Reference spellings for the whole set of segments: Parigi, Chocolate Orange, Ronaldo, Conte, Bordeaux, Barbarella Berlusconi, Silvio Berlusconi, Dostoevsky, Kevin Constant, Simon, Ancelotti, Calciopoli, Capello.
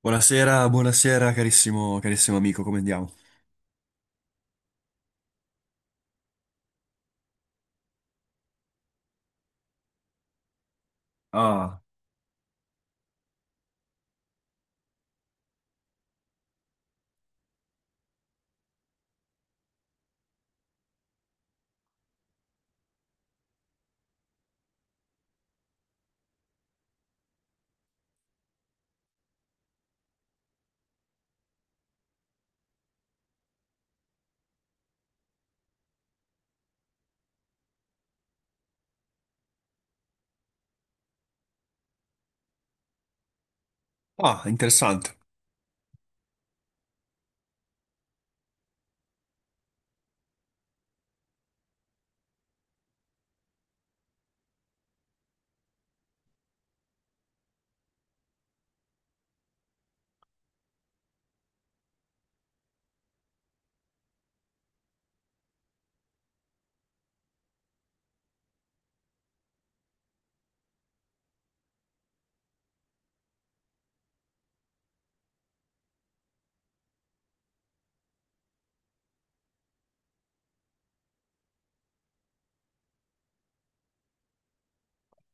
Buonasera, buonasera carissimo, carissimo amico, come andiamo? Ah. Ah, interessante.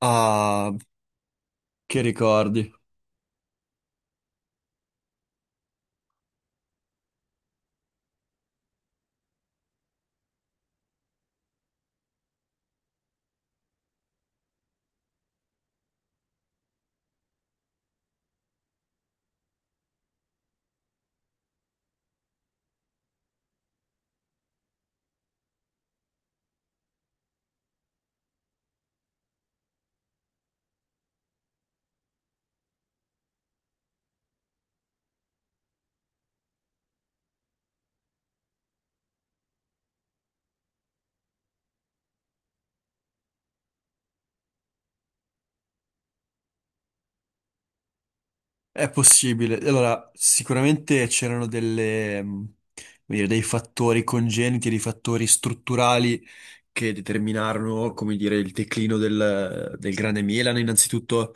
Ah, che ricordi? È possibile. Allora, sicuramente c'erano delle, come dire, dei fattori congeniti, dei fattori strutturali che determinarono, come dire, il declino del Grande Milan. Innanzitutto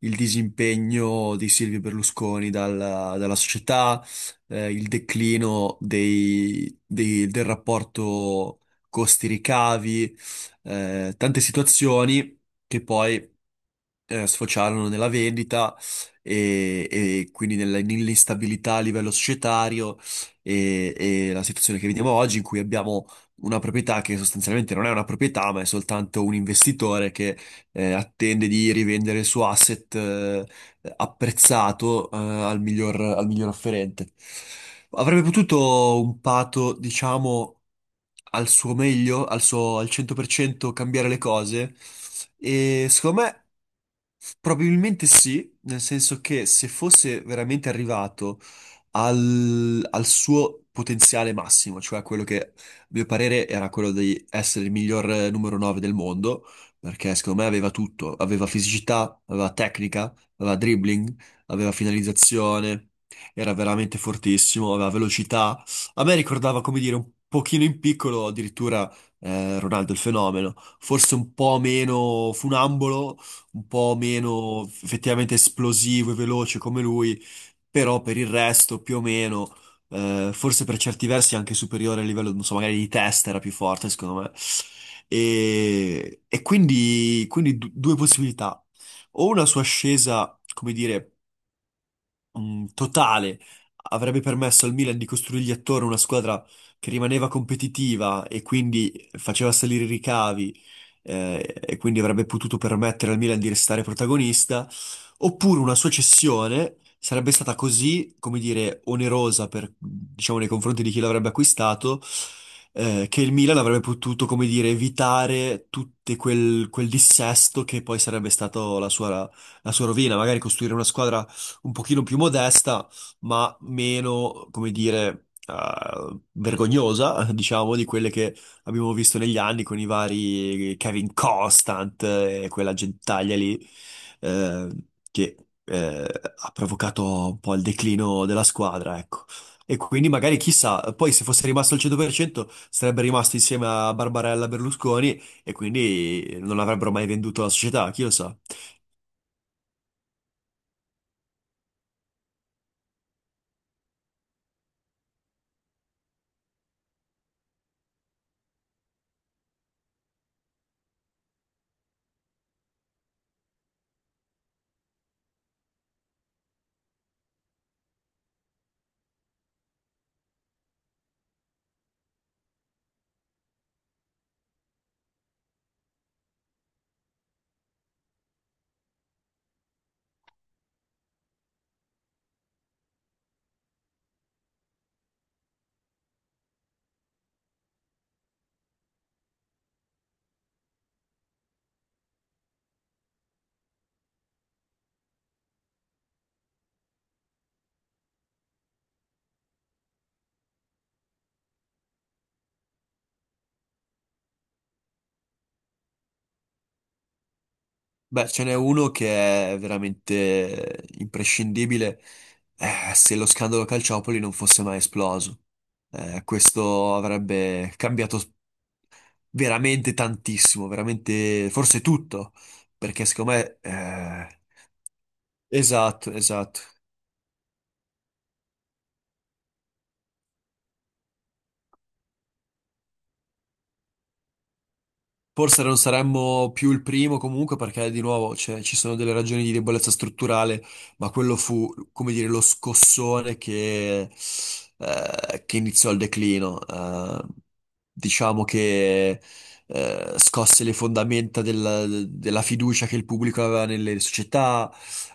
il disimpegno di Silvio Berlusconi dalla società, il declino del rapporto costi-ricavi, tante situazioni che poi sfociarono nella vendita e quindi nell'instabilità a livello societario e la situazione che vediamo oggi in cui abbiamo una proprietà che sostanzialmente non è una proprietà, ma è soltanto un investitore che attende di rivendere il suo asset, apprezzato, al miglior offerente. Avrebbe potuto un pato, diciamo al suo meglio, al suo al 100% cambiare le cose? E secondo me probabilmente sì, nel senso che se fosse veramente arrivato al, al suo potenziale massimo, cioè quello che a mio parere era quello di essere il miglior, numero 9 del mondo, perché secondo me aveva tutto, aveva fisicità, aveva tecnica, aveva dribbling, aveva finalizzazione, era veramente fortissimo, aveva velocità. A me ricordava, come dire, un pochino in piccolo addirittura, Ronaldo il fenomeno, forse un po' meno funambolo, un po' meno effettivamente esplosivo e veloce come lui, però per il resto più o meno, forse per certi versi anche superiore a livello, non so, magari di testa era più forte secondo me. Due possibilità: o una sua ascesa, come dire, totale avrebbe permesso al Milan di costruirgli attorno una squadra che rimaneva competitiva e quindi faceva salire i ricavi, e quindi avrebbe potuto permettere al Milan di restare protagonista, oppure una sua cessione sarebbe stata così, come dire, onerosa per, diciamo, nei confronti di chi l'avrebbe acquistato. Che il Milan avrebbe potuto, come dire, evitare tutto quel dissesto che poi sarebbe stato la sua rovina, magari costruire una squadra un pochino più modesta, ma meno, come dire, vergognosa, diciamo, di quelle che abbiamo visto negli anni con i vari Kevin Constant e quella gentaglia lì, eh, che eh, ha provocato un po' il declino della squadra, ecco. E quindi magari chissà, poi se fosse rimasto al 100% sarebbe rimasto insieme a Barbarella Berlusconi e quindi non avrebbero mai venduto la società, chi lo sa. Beh, ce n'è uno che è veramente imprescindibile, se lo scandalo Calciopoli non fosse mai esploso. Questo avrebbe cambiato veramente tantissimo, veramente forse tutto, perché secondo me... Esatto, esatto. Forse non saremmo più il primo comunque perché di nuovo, cioè, ci sono delle ragioni di debolezza strutturale, ma quello fu, come dire, lo scossone che iniziò il declino. Diciamo che, scosse le fondamenta della fiducia che il pubblico aveva nelle società,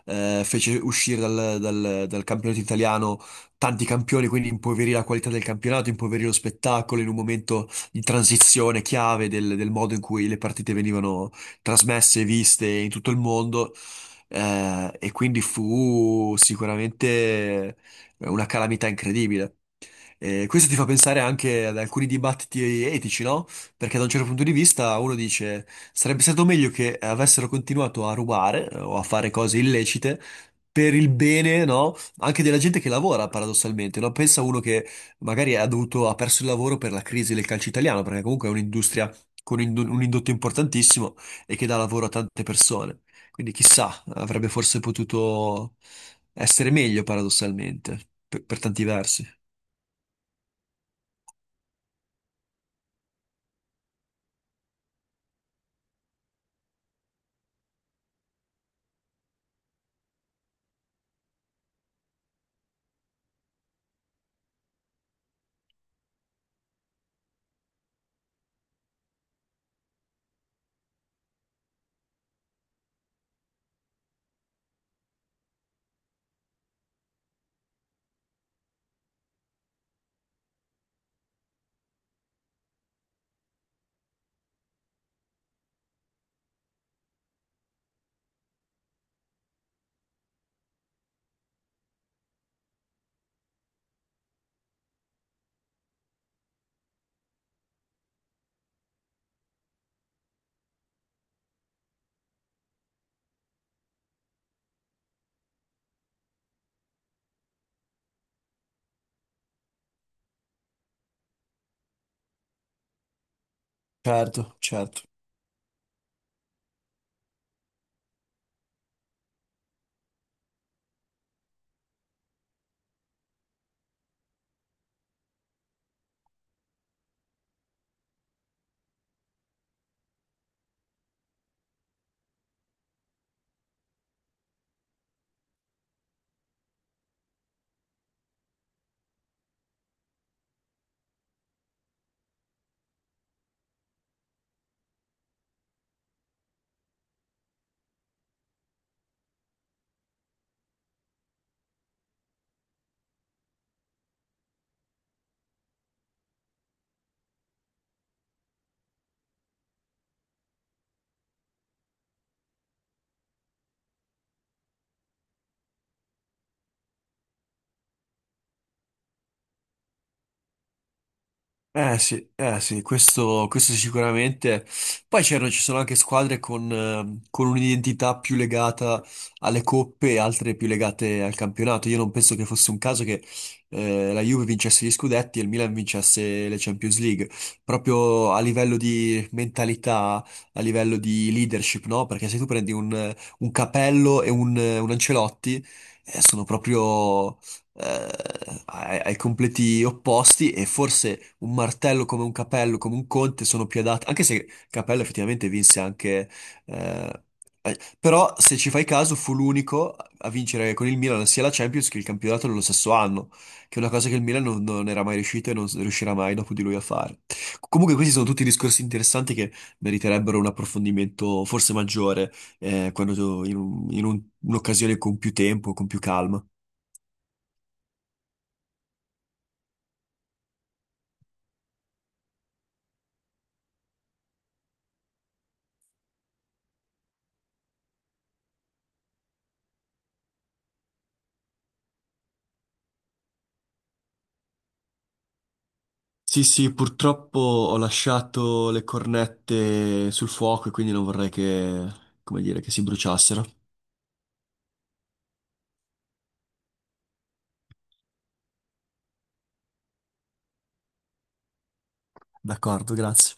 fece uscire dal campionato italiano tanti campioni, quindi impoverì la qualità del campionato, impoverì lo spettacolo in un momento in transizione chiave del modo in cui le partite venivano trasmesse e viste in tutto il mondo. E quindi fu sicuramente una calamità incredibile. E questo ti fa pensare anche ad alcuni dibattiti etici, no? Perché da un certo punto di vista uno dice sarebbe stato meglio che avessero continuato a rubare, o a fare cose illecite per il bene, no? Anche della gente che lavora, paradossalmente, no? Pensa uno che magari ha dovuto, ha perso il lavoro per la crisi del calcio italiano, perché comunque è un'industria un indotto importantissimo e che dà lavoro a tante persone. Quindi chissà, avrebbe forse potuto essere meglio, paradossalmente, per tanti versi. Certo, certo. Sì, eh sì, questo sicuramente. Poi c'erano, ci sono anche squadre con un'identità più legata alle coppe e altre più legate al campionato. Io non penso che fosse un caso che, la Juve vincesse gli scudetti e il Milan vincesse le Champions League. Proprio a livello di mentalità, a livello di leadership, no? Perché se tu prendi un Capello e un Ancelotti, sono proprio, eh, ai, ai completi opposti, e forse un martello come un Capello, come un Conte sono più adatti, anche se Capello effettivamente vinse anche... eh, però se ci fai caso fu l'unico a vincere con il Milan sia la Champions che il campionato nello stesso anno, che è una cosa che il Milan non era mai riuscito e non riuscirà mai dopo di lui a fare. Comunque questi sono tutti discorsi interessanti che meriterebbero un approfondimento forse maggiore, quando in un- un'occasione con più tempo, con più calma. Sì, sì, purtroppo ho lasciato le cornette sul fuoco e quindi non vorrei che, come dire, che si bruciassero. D'accordo, grazie.